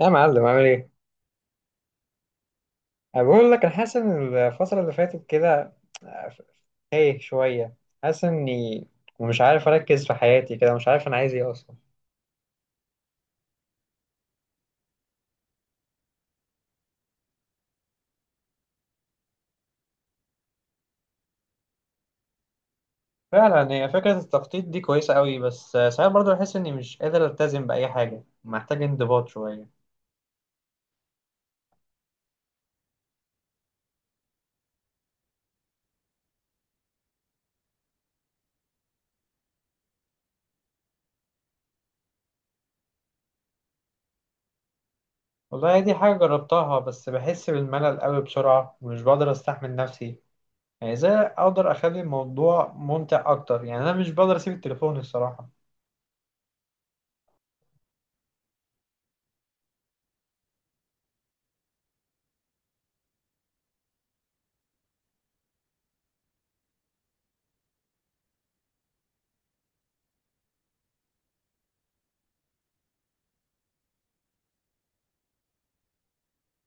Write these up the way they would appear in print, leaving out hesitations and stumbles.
يا معلم عامل ايه؟ أنا بقول لك انا حاسس ان الفترة اللي فاتت كده تايه شوية، حاسس اني مش عارف اركز في حياتي كده، مش عارف انا عايز ايه اصلا. فعلا هي فكرة التخطيط دي كويسة قوي، بس ساعات برضه بحس اني مش قادر التزم بأي حاجة، محتاج انضباط شوية. والله دي حاجة جربتها بس بحس بالملل قوي بسرعة ومش بقدر استحمل نفسي. يعني ازاي اقدر اخلي الموضوع ممتع اكتر؟ يعني انا مش بقدر اسيب التليفون الصراحة.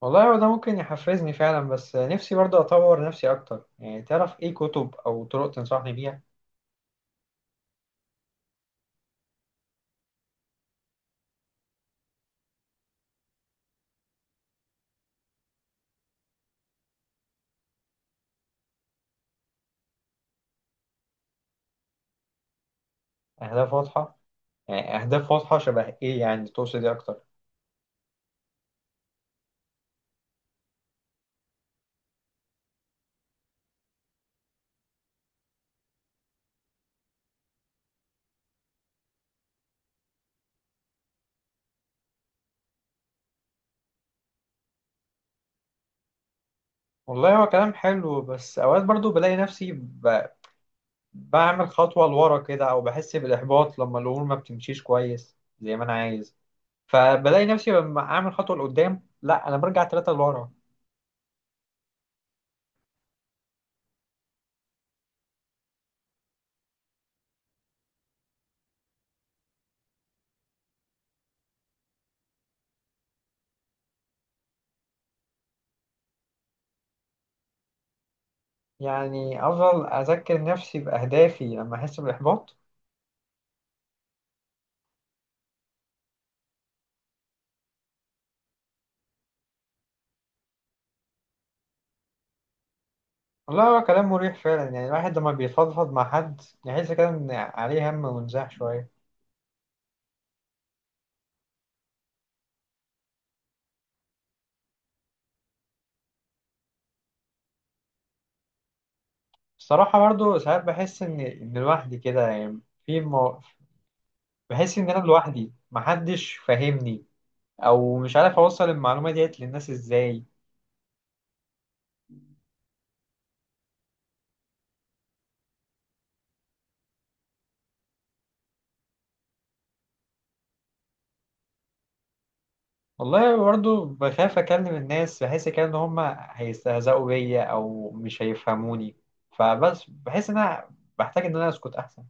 والله هو ده ممكن يحفزني فعلا، بس نفسي برضه أطور نفسي أكتر، يعني تعرف إيه كتب أو طرق تنصحني بيها؟ أهداف واضحة؟ يعني أهداف واضحة شبه إيه؟ يعني تقصد إيه أكتر؟ والله هو كلام حلو، بس أوقات برضه بلاقي نفسي بعمل خطوة لورا كده، أو بحس بالإحباط لما الأمور ما بتمشيش كويس زي ما أنا عايز. فبلاقي نفسي لما أعمل خطوة لقدام، لأ أنا برجع تلاتة لورا. يعني أفضل أذكر نفسي بأهدافي لما أحس بالإحباط؟ والله هو كلام مريح فعلا، يعني الواحد لما بيفضفض مع حد يحس كده إن عليه هم ونزاح شوية. الصراحة برضو ساعات بحس إن لوحدي كده يعني، في مو... بحس إن أنا لوحدي محدش فاهمني، أو مش عارف أوصل المعلومة ديت للناس إزاي. والله برضو بخاف أكلم الناس، بحس كده إن هما هيستهزئوا بيا أو مش هيفهموني، فبس بحس إن أنا بحتاج إن أنا أسكت أحسن.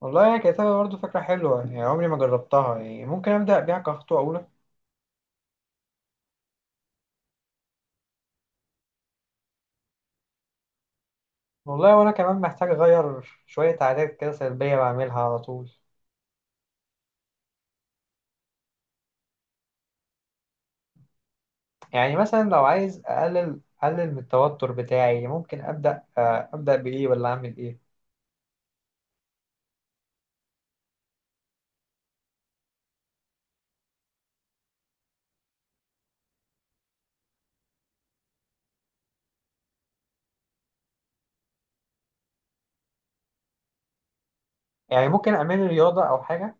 والله يا كتابة برضو فكرة حلوة، يعني عمري ما جربتها، يعني ممكن أبدأ بيها كخطوة أولى. والله وانا كمان محتاج اغير شوية عادات كده سلبية بعملها على طول. يعني مثلا لو عايز اقلل من التوتر بتاعي، ممكن ابدا ابدا بايه، ولا اعمل ايه؟ يعني ممكن اعمل رياضة او حاجة.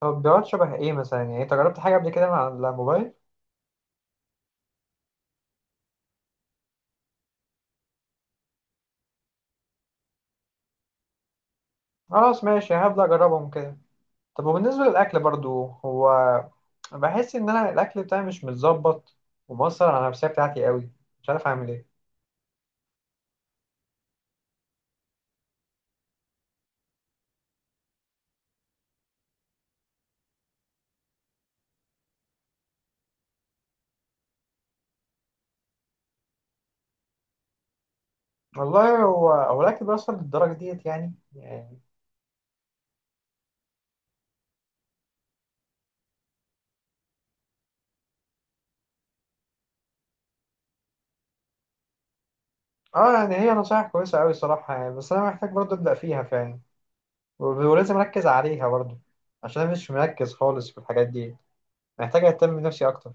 تطبيقات شبه ايه مثلا؟ يعني انت جربت حاجة قبل كده مع الموبايل؟ خلاص ماشي، هبدا اجربهم كده. طب وبالنسبة للاكل برضو، هو بحس ان انا الاكل بتاعي مش متظبط، ومؤثر على النفسية بتاعتي قوي، مش عارف اعمل ايه. والله هو الاكل بيأثر للدرجة ديت يعني؟ يعني اه، يعني هي نصايح كويسة أوي صراحة، يعني بس أنا محتاج برضه أبدأ فيها فعلا، ولازم أركز عليها برضه، عشان أنا مش مركز خالص في الحاجات دي، محتاج أهتم بنفسي أكتر.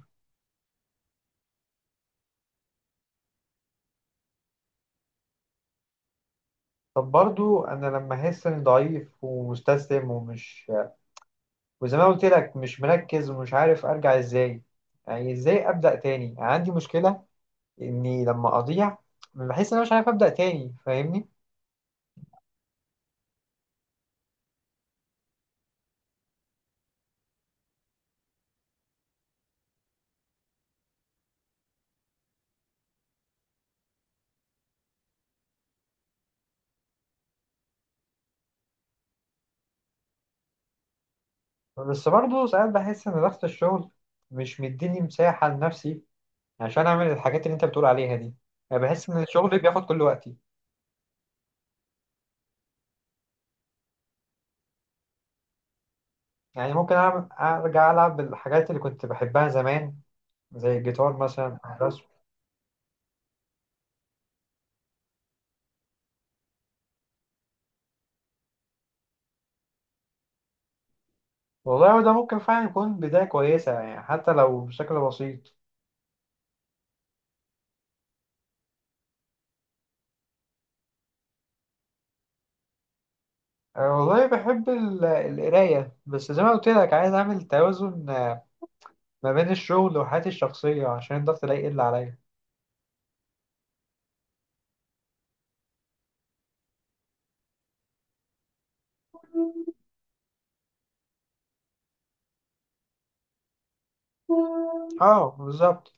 طب برضه أنا لما أحس إني ضعيف ومستسلم ومش، وزي ما قلت لك مش مركز ومش عارف أرجع إزاي، يعني إزاي أبدأ تاني؟ يعني عندي مشكلة إني لما أضيع بحس إن أنا مش عارف أبدأ تاني، فاهمني؟ بس برضه ساعات بحس إن ضغط الشغل مش مديني مساحة لنفسي عشان اعمل الحاجات اللي انت بتقول عليها دي. يعني بحس ان الشغل بياخد كل وقتي. يعني ممكن أعمل ارجع العب الحاجات اللي كنت بحبها زمان، زي الجيتار مثلا أو الرسم. والله ده ممكن فعلا يكون بداية كويسة، يعني حتى لو بشكل بسيط. أه والله بحب القراية، بس زي ما قلت لك عايز اعمل توازن ما بين الشغل وحياتي الشخصية عشان الضغط لا يقل عليا. اه بالظبط.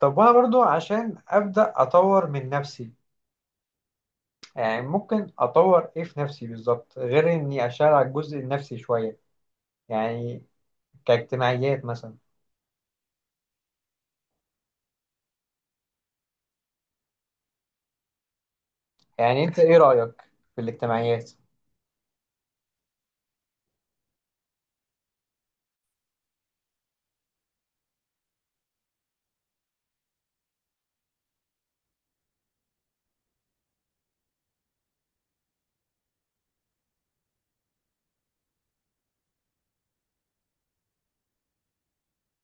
طب وانا برضو عشان ابدا اطور من نفسي، يعني ممكن اطور ايه في نفسي بالظبط غير اني اشتغل على الجزء النفسي شويه؟ يعني كاجتماعيات مثلا، يعني انت ايه رايك في الاجتماعيات؟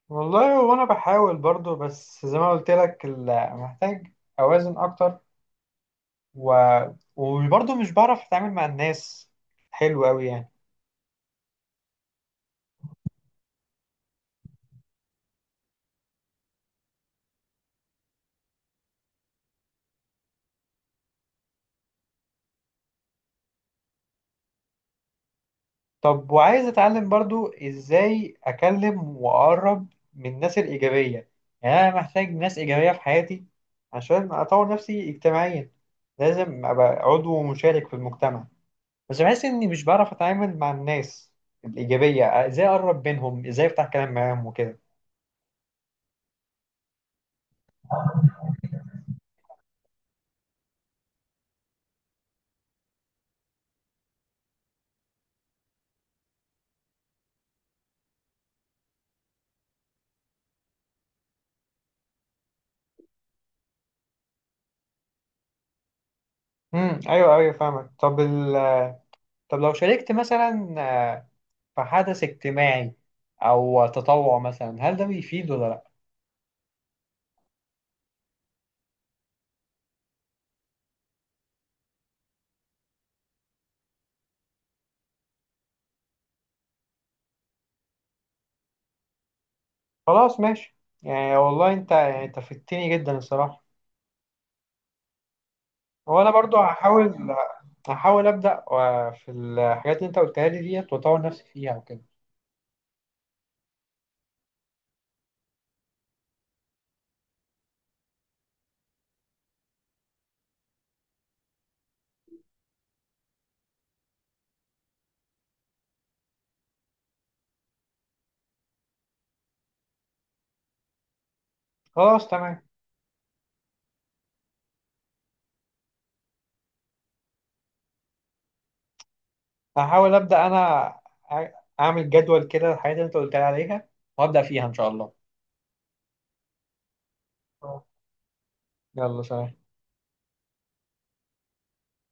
والله وانا بحاول برضو، بس زي ما قلت لك محتاج اوازن اكتر، و... وبرضو مش بعرف اتعامل مع الناس حلو قوي يعني. طب وعايز اتعلم برضو ازاي اكلم واقرب من الناس الايجابيه. يعني انا محتاج ناس ايجابيه في حياتي عشان اطور نفسي اجتماعيا، لازم ابقى عضو مشارك في المجتمع. بس بحس اني مش بعرف اتعامل مع الناس الايجابيه، ازاي اقرب منهم، ازاي افتح كلام معاهم وكده. امم، ايوه ايوه فاهمك. طب لو شاركت مثلا في حدث اجتماعي او تطوع مثلا، هل ده بيفيد ولا لا؟ خلاص ماشي. يعني والله انت، يعني انت فدتني جدا الصراحه. وانا برضو هحاول ابدا في الحاجات اللي انت قلتها لي ديت، واطور نفسي فيها وكده. خلاص تمام. هحاول ابدا انا أع- اعمل جدول كده الحاجات اللي انت قلت لي عليها وابدا فيها ان شاء الله. يلا سلام.